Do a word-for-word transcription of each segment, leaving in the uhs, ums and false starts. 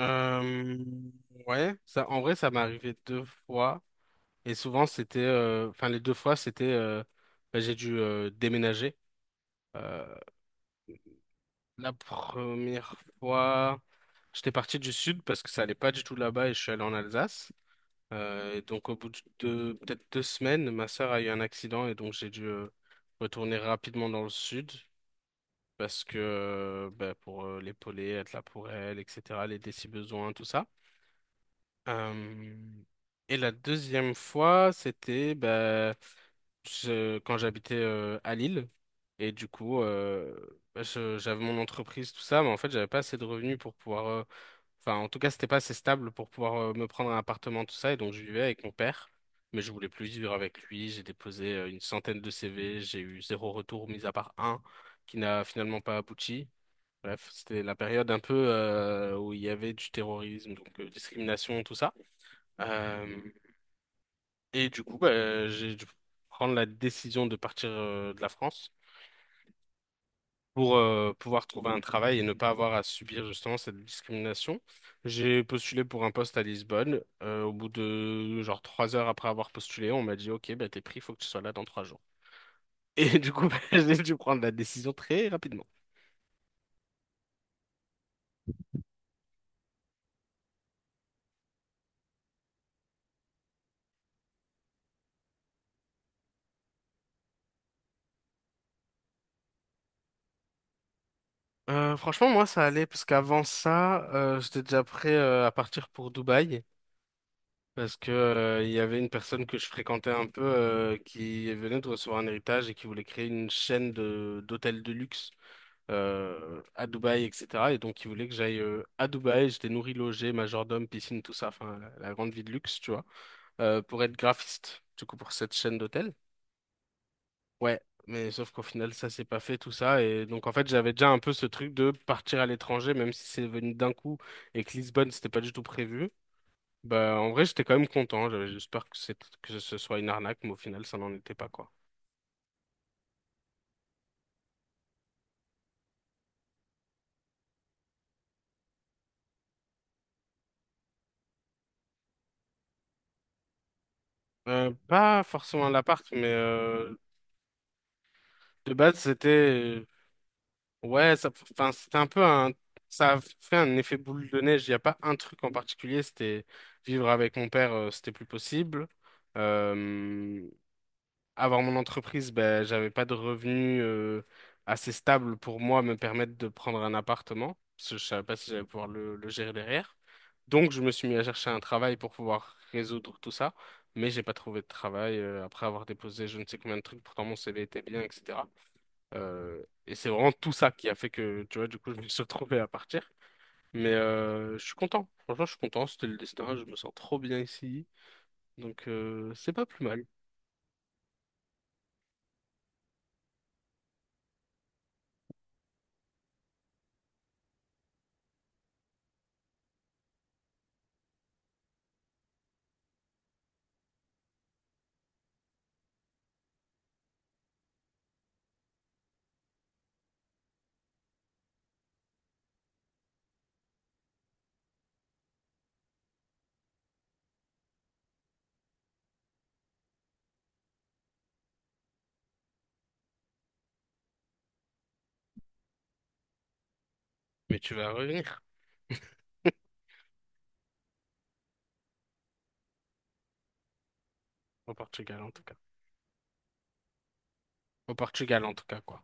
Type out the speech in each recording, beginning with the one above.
Euh, ouais, ça, en vrai, ça m'est arrivé deux fois. Et souvent, c'était, euh, enfin, les deux fois, c'était, euh, bah, j'ai dû euh, déménager. Euh, la première fois, j'étais parti du sud parce que ça allait pas du tout là-bas et je suis allé en Alsace. Euh, et donc, au bout de deux- peut-être deux semaines, ma sœur a eu un accident et donc j'ai dû euh, retourner rapidement dans le sud parce que, euh, bah, pour euh, l'épauler, être là pour elle, et cetera, l'aider si besoin, tout ça. Euh, et la deuxième fois, c'était bah, je- quand j'habitais euh, à Lille. Et du coup, euh, bah, je- j'avais mon entreprise, tout ça, mais en fait, j'avais pas assez de revenus pour pouvoir. euh, Enfin, en tout cas, c'était pas assez stable pour pouvoir euh, me prendre un appartement, tout ça. Et donc, je vivais avec mon père, mais je voulais plus vivre avec lui. J'ai déposé euh, une centaine de C V, j'ai eu zéro retour, mis à part un qui n'a finalement pas abouti. Bref, c'était la période un peu euh, où il y avait du terrorisme, donc euh, discrimination, tout ça. Euh, et du coup, bah, j'ai dû prendre la décision de partir euh, de la France pour euh, pouvoir trouver un travail et ne pas avoir à subir justement cette discrimination. J'ai postulé pour un poste à Lisbonne. Euh, au bout de genre trois heures après avoir postulé, on m'a dit, OK, bah, t'es pris, il faut que tu sois là dans trois jours. Et du coup, bah, j'ai dû prendre la décision très rapidement. Euh, franchement, moi, ça allait parce qu'avant ça, euh, j'étais déjà prêt euh, à partir pour Dubaï. Parce que, euh, il y avait une personne que je fréquentais un peu euh, qui venait de recevoir un héritage et qui voulait créer une chaîne de d'hôtels de luxe euh, à Dubaï, et cetera. Et donc, il voulait que j'aille euh, à Dubaï. J'étais nourri, logé, majordome, piscine, tout ça. Enfin, la, la grande vie de luxe, tu vois, euh, pour être graphiste, du coup, pour cette chaîne d'hôtels. Ouais, mais sauf qu'au final, ça s'est pas fait, tout ça. Et donc, en fait, j'avais déjà un peu ce truc de partir à l'étranger, même si c'est venu d'un coup et que Lisbonne, c'était pas du tout prévu. Bah, en vrai, j'étais quand même content. J'avais- J'espère que c'est que ce soit une arnaque, mais au final, ça n'en était pas, quoi. Euh, pas forcément l'appart, mais euh, de base, c'était. euh, Ouais, ça, enfin, c'était un peu un. Ça a fait un effet boule de neige. Il n'y a pas un truc en particulier. C'était vivre avec mon père, euh, c'était plus possible. Euh, Avant mon entreprise, ben, j'avais pas de revenus euh, assez stables pour moi me permettre de prendre un appartement, parce que je savais pas si j'allais pouvoir le, le gérer derrière. Donc, je me suis mis à chercher un travail pour pouvoir résoudre tout ça, mais j'ai pas trouvé de travail euh, après avoir déposé je ne sais combien de trucs, pourtant mon C V était bien, et cetera. Euh, et c'est vraiment tout ça qui a fait que, tu vois, du coup, je me suis retrouvé à partir. Mais euh, je suis content. Franchement, je suis content. C'était le destin. Je me sens trop bien ici. Donc, euh, c'est pas plus mal. Mais tu vas revenir. Au Portugal, en tout cas. Au Portugal, en tout cas, quoi.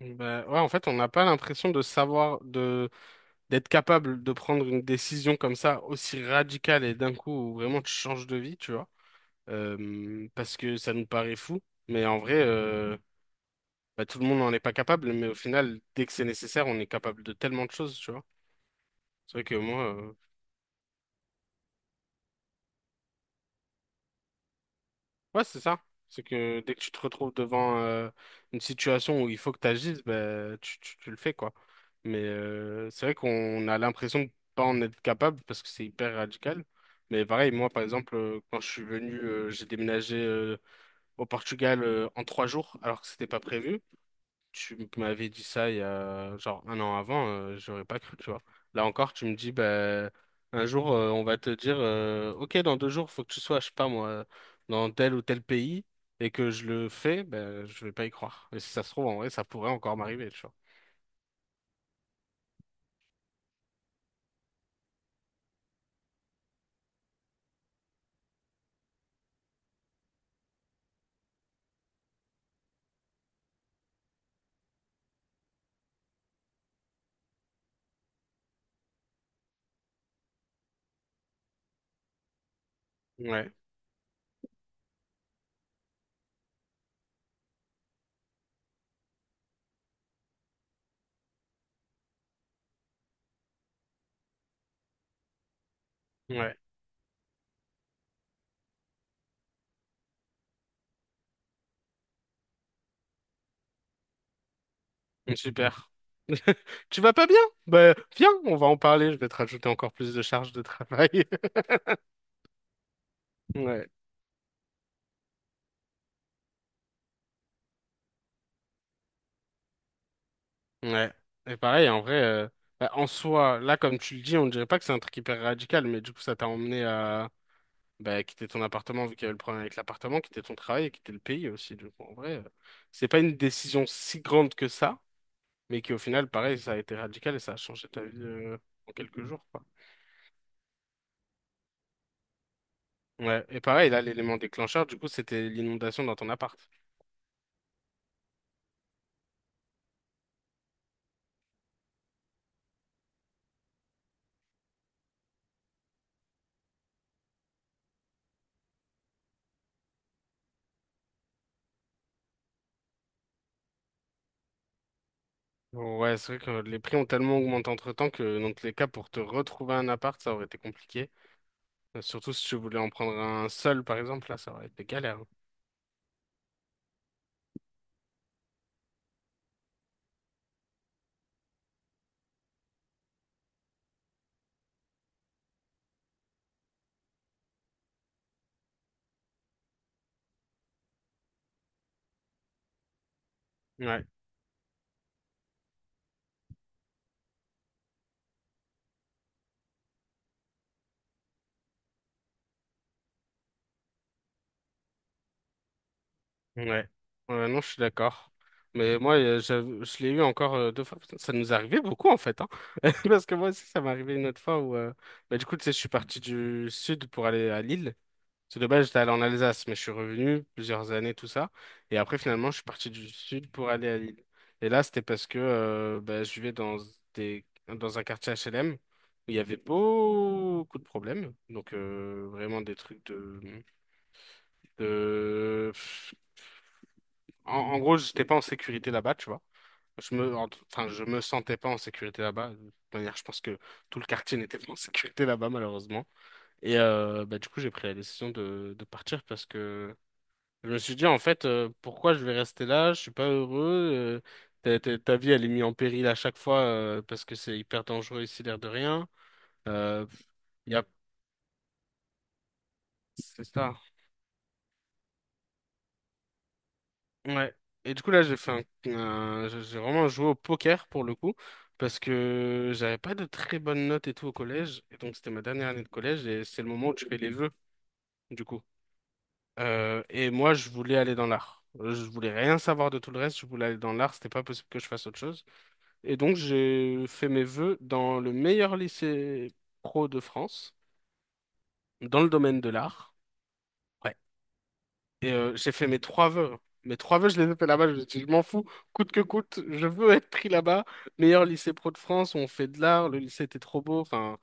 Ben, ouais, en fait, on n'a pas l'impression de savoir, de, d'être capable de prendre une décision comme ça, aussi radicale et d'un coup, où vraiment tu changes de vie, tu vois. Euh, parce que ça nous paraît fou. Mais en vrai, euh, bah, tout le monde n'en est pas capable. Mais au final, dès que c'est nécessaire, on est capable de tellement de choses, tu vois. C'est vrai que moi, euh, Ouais, c'est ça. C'est que dès que tu te retrouves devant euh, une situation où il faut que tu agisses, ben, tu, tu, tu le fais, quoi. Mais euh, c'est vrai qu'on a l'impression de pas en être capable parce que c'est hyper radical. Mais pareil, moi, par exemple, euh, quand je suis venu, euh, j'ai déménagé euh, au Portugal euh, en trois jours alors que c'était pas prévu. Tu m'avais dit ça il y a genre un an avant, euh, j'aurais pas cru, tu vois. Là encore, tu me dis, bah, un jour, euh, on va te dire, euh, ok, dans deux jours, faut que tu sois, je sais pas moi, dans tel ou tel pays, et que je le fais, ben je vais pas y croire. Et si ça se trouve, en vrai, ça pourrait encore m'arriver, tu vois. Ouais, ouais. Super. Tu vas pas bien? Ben, viens, on va en parler, je vais te rajouter encore plus de charges de travail. Ouais. Ouais. Et pareil, en vrai, euh, bah, en soi, là, comme tu le dis, on dirait pas que c'est un truc hyper radical, mais du coup, ça t'a emmené à bah, quitter ton appartement, vu qu'il y avait le problème avec l'appartement, quitter ton travail et quitter le pays aussi. Du coup, en vrai, euh, c'est pas une décision si grande que ça, mais qui, au final, pareil, ça a été radical et ça a changé ta vie euh, en quelques jours, quoi. Ouais. Et pareil, là, l'élément déclencheur, du coup, c'était l'inondation dans ton appart. Ouais, c'est vrai que les prix ont tellement augmenté entre-temps que, dans tous les cas, pour te retrouver un appart, ça aurait été compliqué. Euh, Surtout si tu voulais en prendre un seul, par exemple, là, ça aurait été galère. Ouais, ouais. Ouais, non, je suis d'accord. Mais moi, euh, j'av- je l'ai eu encore euh, deux fois. Putain, ça nous arrivait beaucoup, en fait, hein. Parce que moi aussi, ça m'est arrivé une autre fois où. Euh, bah, du coup, tu sais, je suis parti du sud pour aller à Lille. Parce que de base, j'étais allé en Alsace, mais je suis revenu plusieurs années, tout ça. Et après, finalement, je suis parti du sud pour aller à Lille. Et là, c'était parce que euh, bah, je vivais dans des, dans un quartier H L M où il y avait beaucoup de problèmes. Donc, euh, vraiment des trucs de, de... En, en gros, j'étais pas en sécurité là-bas, tu vois. Je me, en- enfin, je me sentais pas en sécurité là-bas. De toute manière, je pense que tout le quartier n'était pas en sécurité là-bas, malheureusement. Et euh, bah, du coup, j'ai pris la décision de, de partir parce que Je me suis dit, en fait, euh, pourquoi je vais rester là? Je suis pas heureux. euh, ta, ta- ta vie, elle est mise en péril à chaque fois euh, parce que c'est hyper dangereux ici, l'air de rien. Euh, y a... C'est ça. Ouais. Et du coup, là, j'ai fait un, un- j'ai j'ai vraiment joué au poker pour le coup parce que j'avais pas de très bonnes notes et tout au collège. Et donc, c'était ma dernière année de collège et c'est le moment où tu fais les vœux, du coup. Euh, et moi, je voulais aller dans l'art. Je voulais rien savoir de tout le reste. Je voulais aller dans l'art. C'était pas possible que je fasse autre chose. Et donc, j'ai fait mes vœux dans le meilleur lycée pro de France, dans le domaine de l'art. Ouais. Et euh, j'ai fait mes trois vœux. Mes trois vœux, je les ai fait là-bas. Je me suis dit, je m'en fous, coûte que coûte, je veux être pris là-bas. Meilleur lycée pro de France, on fait de l'art, le lycée était trop beau. Enfin,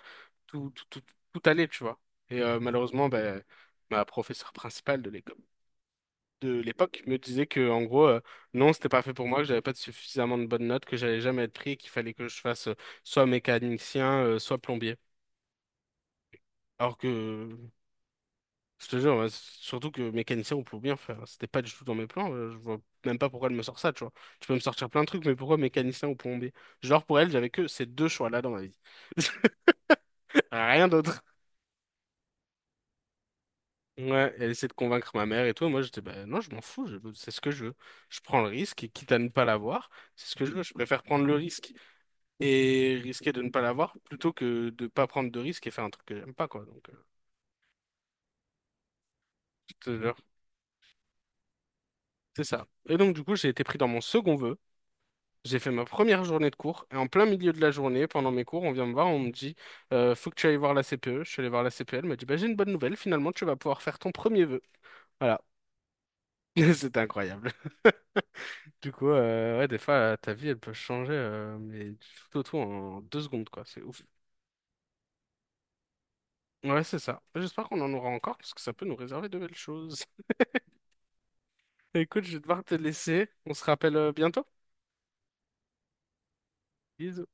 tout, tout, tout, tout allait, tu vois. Et euh, malheureusement, ben, ma professeure principale de l'école, de l'époque me disait que, en gros, euh, non, c'était pas fait pour moi, que j'avais pas de suffisamment de bonnes notes, que j'allais jamais être pris et qu'il fallait que je fasse euh, soit mécanicien, euh, soit plombier. Alors que, je te jure, ouais, surtout que mécanicien on peut bien faire. Hein. C'était pas du tout dans mes plans. euh, Je vois même pas pourquoi elle me sort ça, tu vois. Tu peux me sortir plein de trucs, mais pourquoi mécanicien ou plombier? Genre, pour elle, j'avais que ces deux choix-là dans ma vie. Rien d'autre. Ouais, elle essaie de convaincre ma mère et tout. Et moi, j'étais, bah non, je m'en fous, je- c'est ce que je veux. Je prends le risque, et quitte à ne pas l'avoir, c'est ce que je veux. Je préfère prendre le risque et risquer de ne pas l'avoir plutôt que de pas prendre de risque et faire un truc que j'aime pas, quoi. Donc, euh, je te jure, c'est ça. Et donc, du coup, j'ai été pris dans mon second vœu. J'ai fait ma première journée de cours et en plein milieu de la journée, pendant mes cours, on vient me voir, on me dit euh, faut que tu ailles voir la C P E. Je suis allé voir la C P E, elle m'a dit bah, j'ai une bonne nouvelle, finalement tu vas pouvoir faire ton premier vœu. Voilà, c'était incroyable. Du coup, euh, ouais, des fois euh, ta vie elle peut changer, euh, mais du tout au tout en deux secondes quoi, c'est ouf. Ouais, c'est ça. J'espère qu'on en aura encore parce que ça peut nous réserver de belles choses. Écoute, je vais devoir te laisser. On se rappelle euh, bientôt. Bisous.